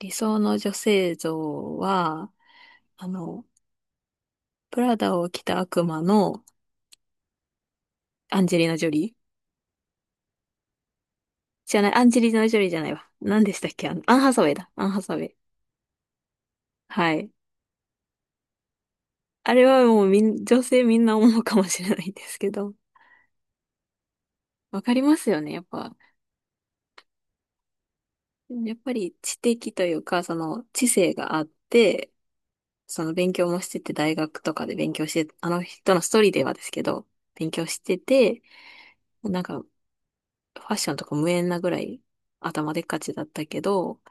理想の女性像は、あの、プラダを着た悪魔のアンジェリーナ・ジョリーじゃない、アンジェリーナ・ジョリーじゃないわ。何でしたっけアン・ハサウェイだ。アン・ハサウェイ。はい。あれはもう女性みんな思うかもしれないんですけど、わかりますよね、やっぱ。やっぱり知的というか、その知性があって、その勉強もしてて、大学とかで勉強して、あの人のストーリーではですけど、勉強してて、なんかファッションとか無縁なぐらい頭でっかちだったけど、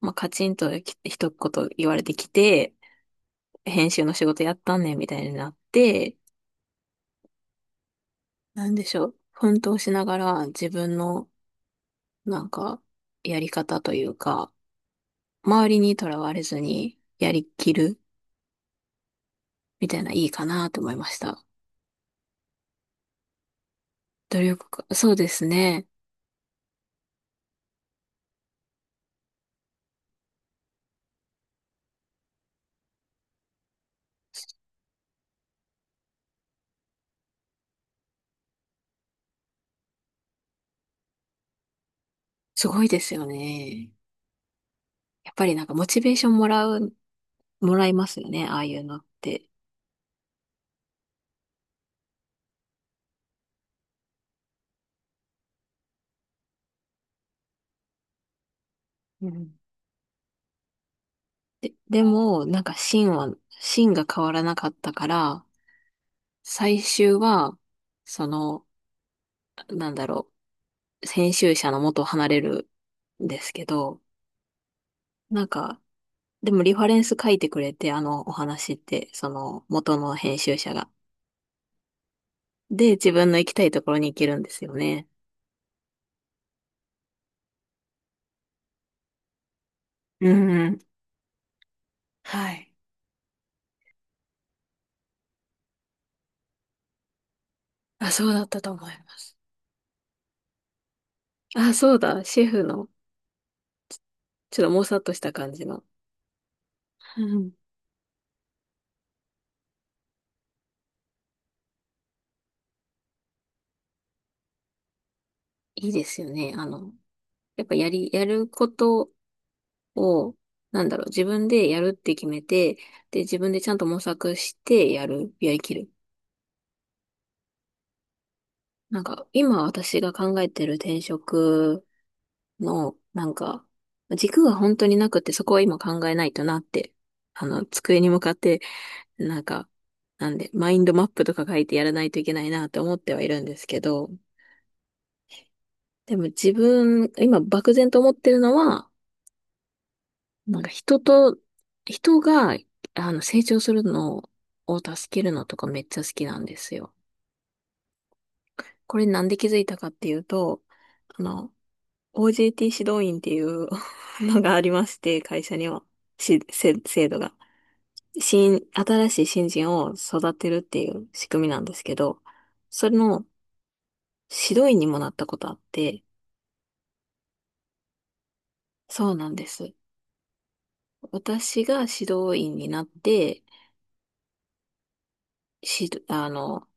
まあ、カチンとき一言言われてきて、編集の仕事やったんねんみたいになって、なんでしょう。奮闘しながら自分のなんかやり方というか、周りにとらわれずにやりきるみたいないいかなと思いました。努力か、そうですね。すごいですよね。やっぱりなんかモチベーションもらう、もらいますよね。ああいうのって。うん。で、でも、なんか芯が変わらなかったから、最終は、その、なんだろ編集者の元を離れるんですけど、なんか、でもリファレンス書いてくれて、あのお話って、その元の編集者が。で、自分の行きたいところに行けるんですよね。うんうん。はい。あ、そうだったと思います。あ、そうだ、シェフの、ちょっともさっとした感じの。うん。いいですよね。やっぱやることを、なんだろう、自分でやるって決めて、で、自分でちゃんと模索してやる、やりきる。なんか、今私が考えてる転職の、なんか、軸が本当になくて、そこは今考えないとなって、机に向かって、なんか、なんで、マインドマップとか書いてやらないといけないなって思ってはいるんですけど、でも自分、今漠然と思ってるのは、なんか人と、人が、成長するのを助けるのとかめっちゃ好きなんですよ。これなんで気づいたかっていうと、あの、OJT 指導員っていう のがありまして、会社には、制度が。新しい新人を育てるっていう仕組みなんですけど、それの指導員にもなったことあって、そうなんです。私が指導員になって、し、あの、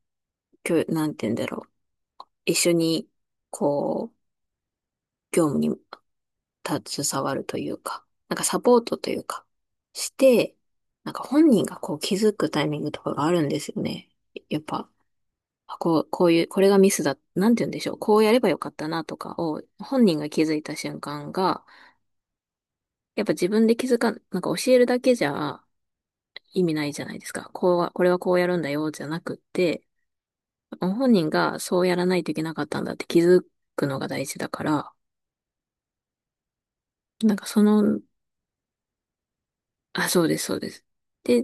教、なんて言うんだろう。一緒に、こう、業務に携わるというか、なんかサポートというか、して、なんか本人がこう気づくタイミングとかがあるんですよね。やっぱ、こういう、これがミスだ、なんて言うんでしょう。こうやればよかったなとかを、本人が気づいた瞬間が、やっぱ自分で気づかん、なんか教えるだけじゃ意味ないじゃないですか。こうは、これはこうやるんだよ、じゃなくって、本人がそうやらないといけなかったんだって気づくのが大事だから、なんかそのあ、そうです、そうです。で、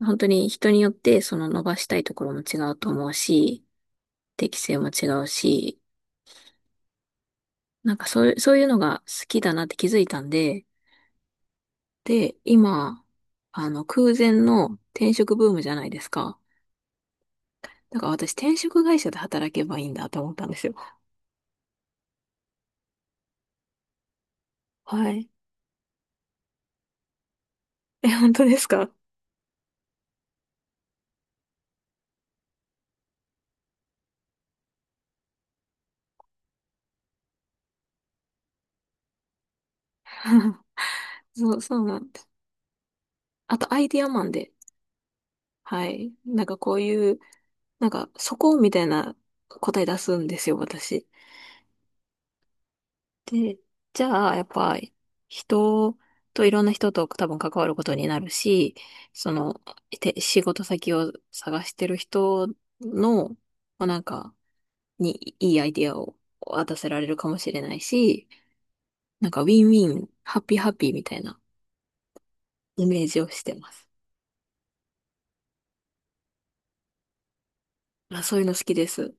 本当に人によって、その伸ばしたいところも違うと思うし、適性も違うし、なんかそういうのが好きだなって気づいたんで、で、今、空前の転職ブームじゃないですか。だから私、転職会社で働けばいいんだと思ったんですよ。はい。え、本当ですか？ そうなんです。あと、アイディアマンで、はい。なんかこういう、なんか、そこみたいな答え出すんですよ、私。で、じゃあ、やっぱ、人いろんな人と多分関わることになるし、その、仕事先を探してる人の、まあ、なんか、にいいアイディアを渡せられるかもしれないし、なんか、ウィンウィン、ハッピーハッピーみたいなイメージをしてます。まあ、そういうの好きです。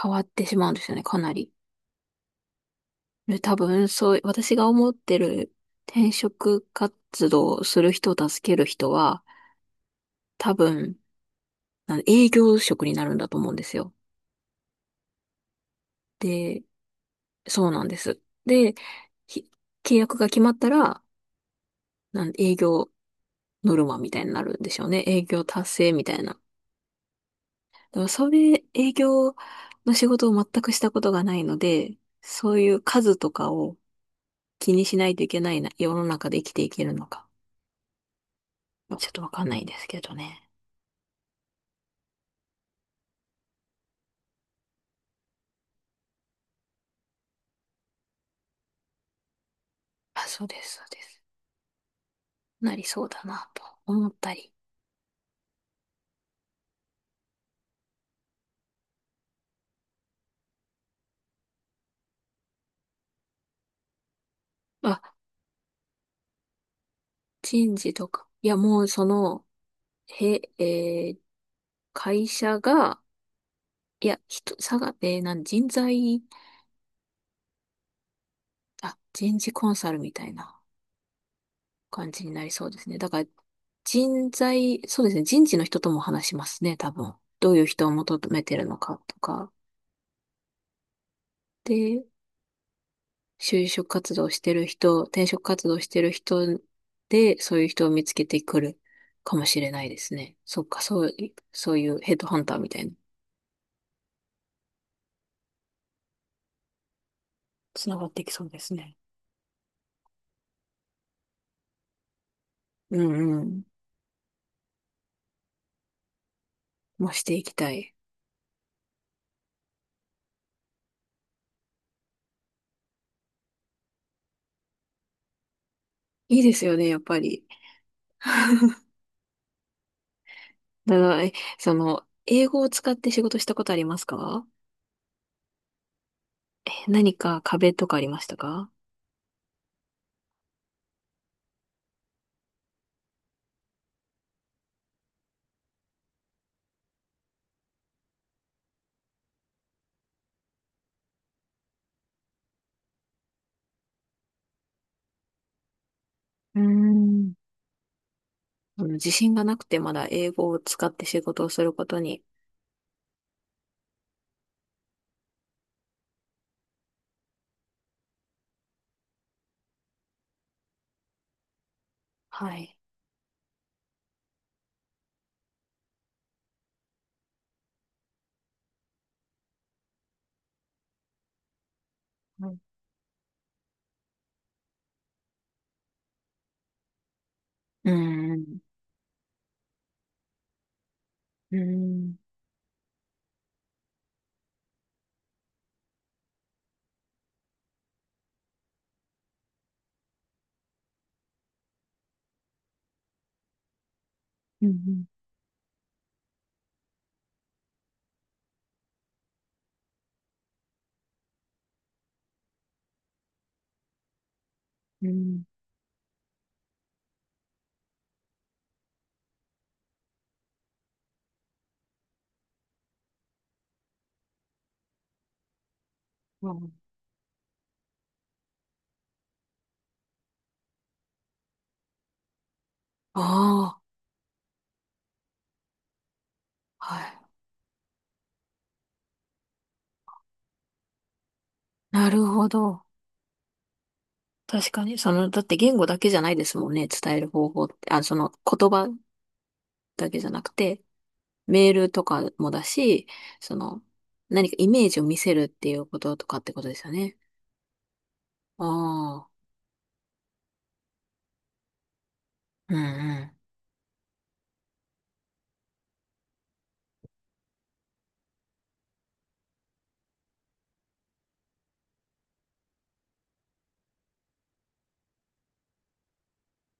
変わってしまうんですよね、かなり。で、多分、そう、私が思ってる転職活動をする人を助ける人は、多分、なんで営業職になるんだと思うんですよ。で、そうなんです。で、ひ契約が決まったら、営業ノルマみたいになるんでしょうね。営業達成みたいな。でもそれ、営業の仕事を全くしたことがないので、そういう数とかを気にしないといけないな、世の中で生きていけるのか。ちょっとわかんないんですけどね。あ、そうです、そうです。なりそうだな、と思ったり。あ、人事とか。いや、もうその、へ、えー会社が、いや、人、さが、えーなん、人材、あ、人事コンサルみたいな感じになりそうですね。だから、人材、そうですね、人事の人とも話しますね、多分。どういう人を求めてるのかとか。で、就職活動してる人、転職活動してる人で、そういう人を見つけてくるかもしれないですね。そっか、そういうヘッドハンターみたいな、つながっていきそうですね。うんうん。もしていきたい。いいですよね、やっぱり。だから、その、英語を使って仕事したことありますか？何か壁とかありましたか？うーん。その自信がなくてまだ英語を使って仕事をすることに。はい。はい。うーん。うーん。うん。うん。うん。ああ、はい。なるほど。確かに、その、だって言語だけじゃないですもんね、伝える方法って。あ、その言葉だけじゃなくて、メールとかもだし、その、何かイメージを見せるっていうこととかってことですよね。ああ、うんうん。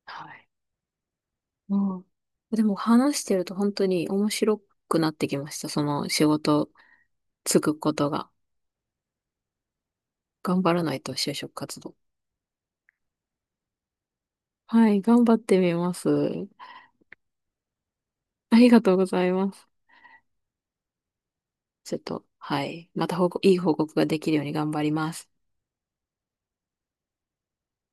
はい。うん。でも話してると本当に面白くなってきました。その仕事つくことが。頑張らないと就職活動。はい、頑張ってみます。ありがとうございます。ちょっと、はい。また報告、いい報告ができるように頑張ります。